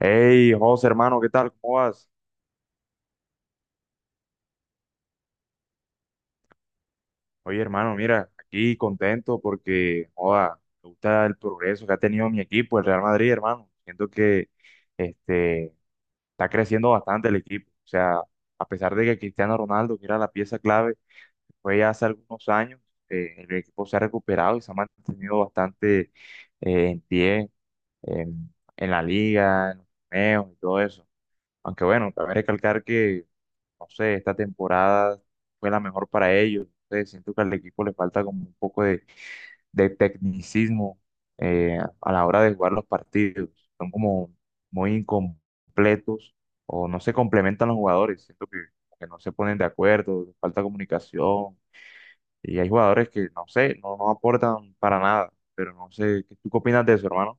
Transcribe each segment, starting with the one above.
Hey, José, hermano, ¿qué tal? ¿Cómo vas? Oye, hermano, mira, aquí contento porque, joda, me gusta el progreso que ha tenido mi equipo, el Real Madrid, hermano. Siento que este, está creciendo bastante el equipo. O sea, a pesar de que Cristiano Ronaldo, que era la pieza clave, fue ya hace algunos años, el equipo se ha recuperado y se ha mantenido bastante en pie, en la liga, en los torneos y todo eso. Aunque bueno, también recalcar que no sé, esta temporada fue la mejor para ellos. No sé, siento que al equipo le falta como un poco de tecnicismo a la hora de jugar los partidos. Son como muy incompletos o no se complementan los jugadores. Siento que no se ponen de acuerdo, falta comunicación. Y hay jugadores que, no sé, no aportan para nada. Pero no sé, ¿tú qué opinas de eso, hermano?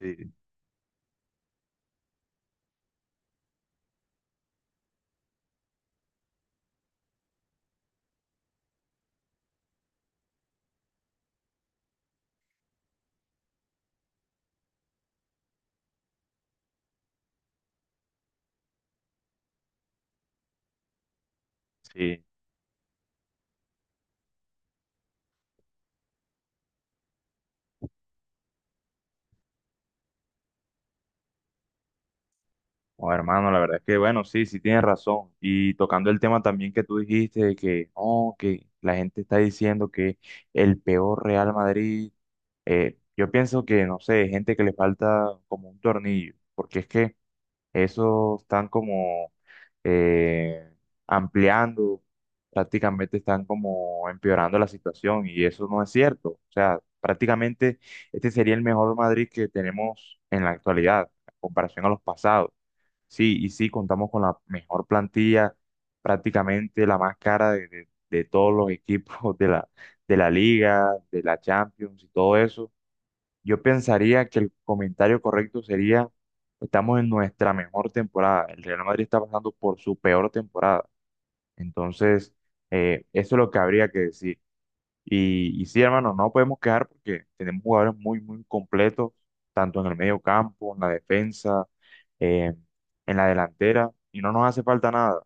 Sí, sí. Oh, hermano, la verdad es que, bueno, sí, sí tienes razón. Y tocando el tema también que tú dijiste de que, oh, que la gente está diciendo que el peor Real Madrid, yo pienso que, no sé, gente que le falta como un tornillo, porque es que eso están como eh, ampliando, prácticamente están como empeorando la situación y eso no es cierto. O sea, prácticamente este sería el mejor Madrid que tenemos en la actualidad, en comparación a los pasados. Sí, y sí, contamos con la mejor plantilla, prácticamente la más cara de todos los equipos de de la Liga, de la Champions y todo eso. Yo pensaría que el comentario correcto sería, estamos en nuestra mejor temporada. El Real Madrid está pasando por su peor temporada. Entonces, eso es lo que habría que decir. Y sí, hermano, no podemos quejar porque tenemos jugadores muy, muy completos, tanto en el medio campo, en la defensa, eh, en la delantera, y no nos hace falta nada.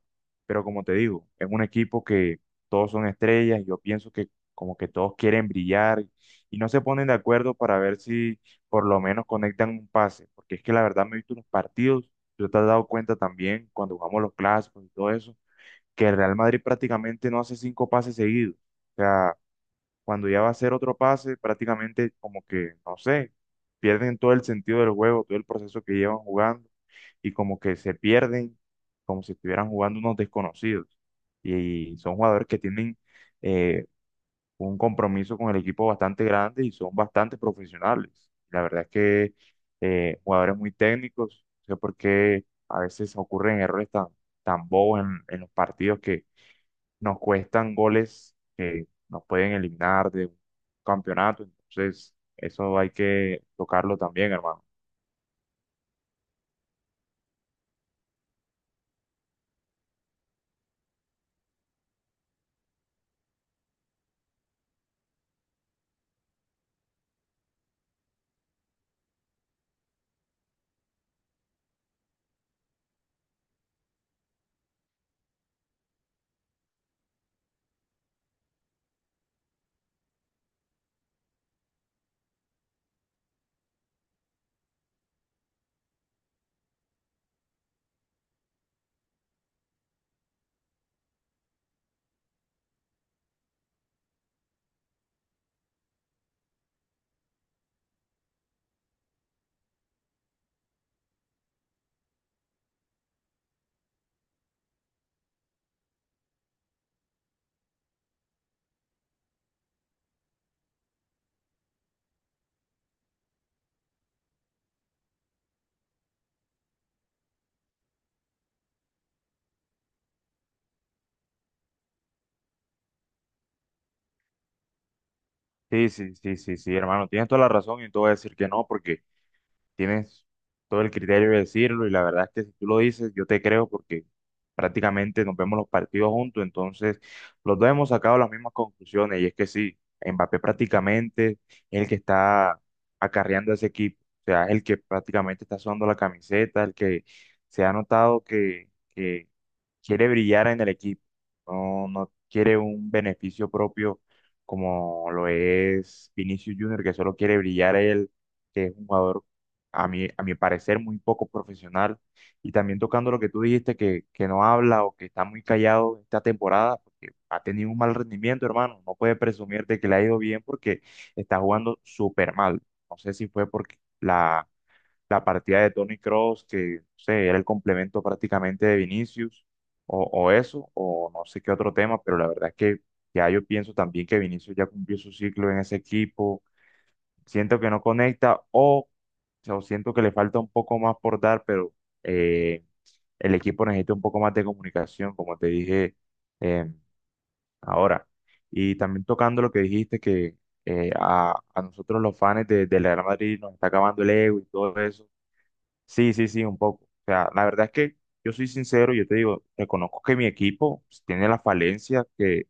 Pero como te digo, es un equipo que todos son estrellas, y yo pienso que como que todos quieren brillar y no se ponen de acuerdo para ver si por lo menos conectan un pase, porque es que la verdad me he visto unos partidos, tú te has dado cuenta también cuando jugamos los clásicos y todo eso, que el Real Madrid prácticamente no hace cinco pases seguidos. O sea, cuando ya va a hacer otro pase, prácticamente como que, no sé, pierden todo el sentido del juego, todo el proceso que llevan jugando y como que se pierden, como si estuvieran jugando unos desconocidos. Y son jugadores que tienen eh, un compromiso con el equipo bastante grande y son bastante profesionales. La verdad es que jugadores muy técnicos, no sé por qué a veces ocurren errores tan, tan bobos en los partidos nos cuestan goles que nos pueden eliminar de un campeonato. Entonces, eso hay que tocarlo también, hermano. Sí, sí, sí, sí, sí, hermano. Tienes toda la razón y no te voy a decir que no, porque tienes todo el criterio de decirlo y la verdad es que si tú lo dices, yo te creo porque prácticamente nos vemos los partidos juntos, entonces los dos hemos sacado las mismas conclusiones y es que sí, Mbappé prácticamente es el que está acarreando a ese equipo, o sea, es el que prácticamente está sudando la camiseta, el que se ha notado que, quiere brillar en el equipo, no quiere un beneficio propio como lo es Vinicius Junior, que solo quiere brillar él, que es un jugador, a mi parecer, muy poco profesional. Y también tocando lo que tú dijiste, que no habla o que está muy callado esta temporada, porque ha tenido un mal rendimiento, hermano. No puede presumir de que le ha ido bien porque está jugando súper mal. No sé si fue porque la partida de Tony Cross que, no sé, era el complemento prácticamente de Vinicius, o eso, o no sé qué otro tema, pero la verdad es que ya yo pienso también que Vinicius ya cumplió su ciclo en ese equipo, siento que no conecta, o siento que le falta un poco más por dar, pero eh, el equipo necesita un poco más de comunicación, como te dije eh, ahora. Y también tocando lo que dijiste, que a nosotros los fans del Real Madrid nos está acabando el ego y todo eso. Sí, sí, sí, un poco. O sea, la verdad es que yo soy sincero, yo te digo, reconozco que mi equipo pues, tiene la falencia que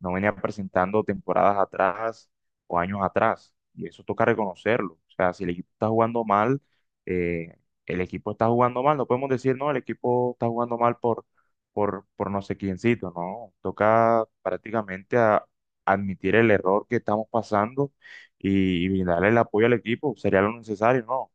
no venía presentando temporadas atrás o años atrás, y eso toca reconocerlo. O sea, si el equipo está jugando mal, eh, el equipo está jugando mal, no podemos decir, no, el equipo está jugando mal por no sé quiéncito, no. Toca prácticamente admitir el error que estamos pasando y darle el apoyo al equipo, sería lo necesario, ¿no?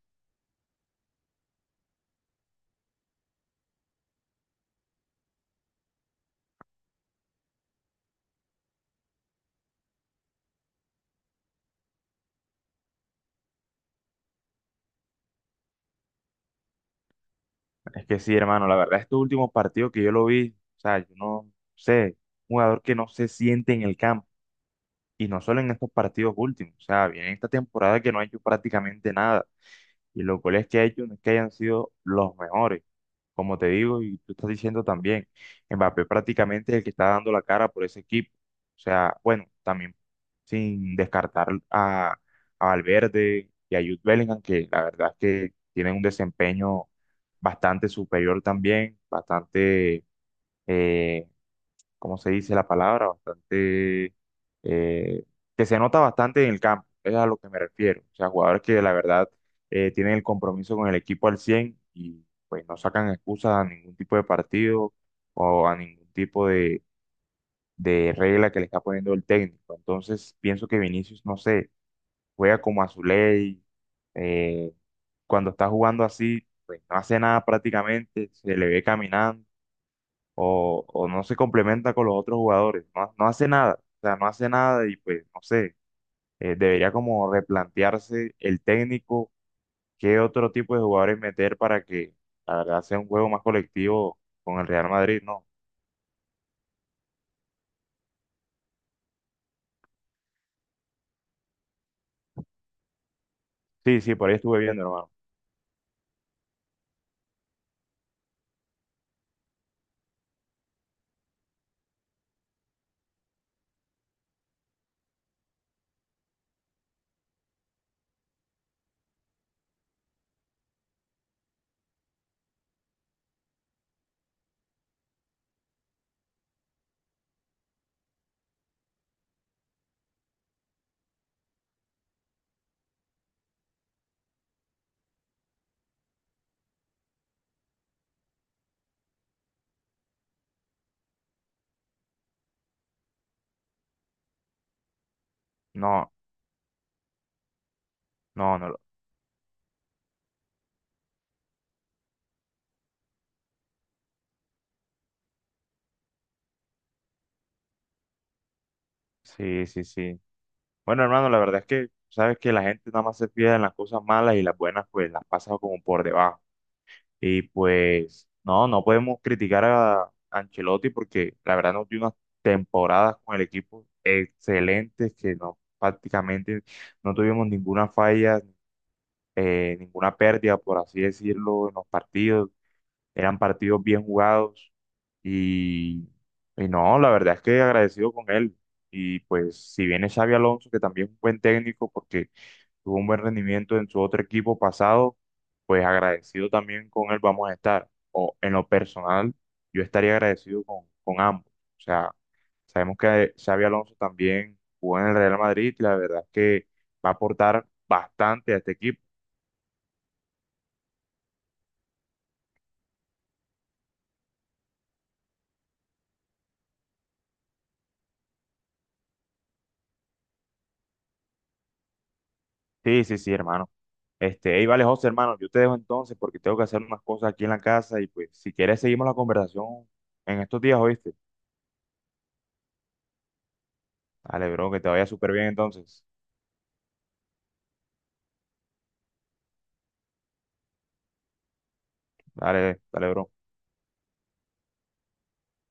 Es que sí, hermano, la verdad, este último partido que yo lo vi, o sea, yo no sé, un jugador que no se siente en el campo, y no solo en estos partidos últimos, o sea, viene esta temporada que no ha hecho prácticamente nada. Y los goles que ha hecho no es que hayan sido los mejores, como te digo, y tú estás diciendo también, Mbappé prácticamente es el que está dando la cara por ese equipo. O sea, bueno, también sin descartar a Valverde y a Jude Bellingham, que la verdad es que tienen un desempeño bastante superior también, bastante eh, como se dice la palabra? Bastante, eh, que se nota bastante en el campo, es a lo que me refiero. O sea, jugadores que la verdad tienen el compromiso con el equipo al 100 y pues no sacan excusas a ningún tipo de partido o a ningún tipo de regla que le está poniendo el técnico. Entonces, pienso que Vinicius, no sé, juega como a su ley, eh, cuando está jugando así, pues no hace nada prácticamente, se le ve caminando o no se complementa con los otros jugadores, no hace nada, o sea, no hace nada y pues no sé, debería como replantearse el técnico qué otro tipo de jugadores meter para que la verdad sea un juego más colectivo con el Real Madrid, ¿no? Sí, sí, por ahí estuve viendo, hermano. No, no, sí, sí, sí. Bueno, hermano, la verdad es que sabes que la gente nada más se fija en las cosas malas y las buenas pues las pasa como por debajo. Y pues, no podemos criticar a Ancelotti porque la verdad nos dio unas temporadas con el equipo excelentes que no, prácticamente no tuvimos ninguna falla, ninguna pérdida, por así decirlo, en los partidos. Eran partidos bien jugados y, y no, la verdad es que agradecido con él. Y pues si viene Xavi Alonso, que también es un buen técnico porque tuvo un buen rendimiento en su otro equipo pasado, pues agradecido también con él vamos a estar. O en lo personal, yo estaría agradecido con ambos. O sea, sabemos que Xavi Alonso también jugó en el Real Madrid y la verdad es que va a aportar bastante a este equipo. Sí, sí, sí, hermano. Este, hey, vale, José, hermano, yo te dejo entonces porque tengo que hacer unas cosas aquí en la casa y pues si quieres seguimos la conversación en estos días, ¿oíste? Dale, bro, que te vaya súper bien entonces. Dale, dale, bro.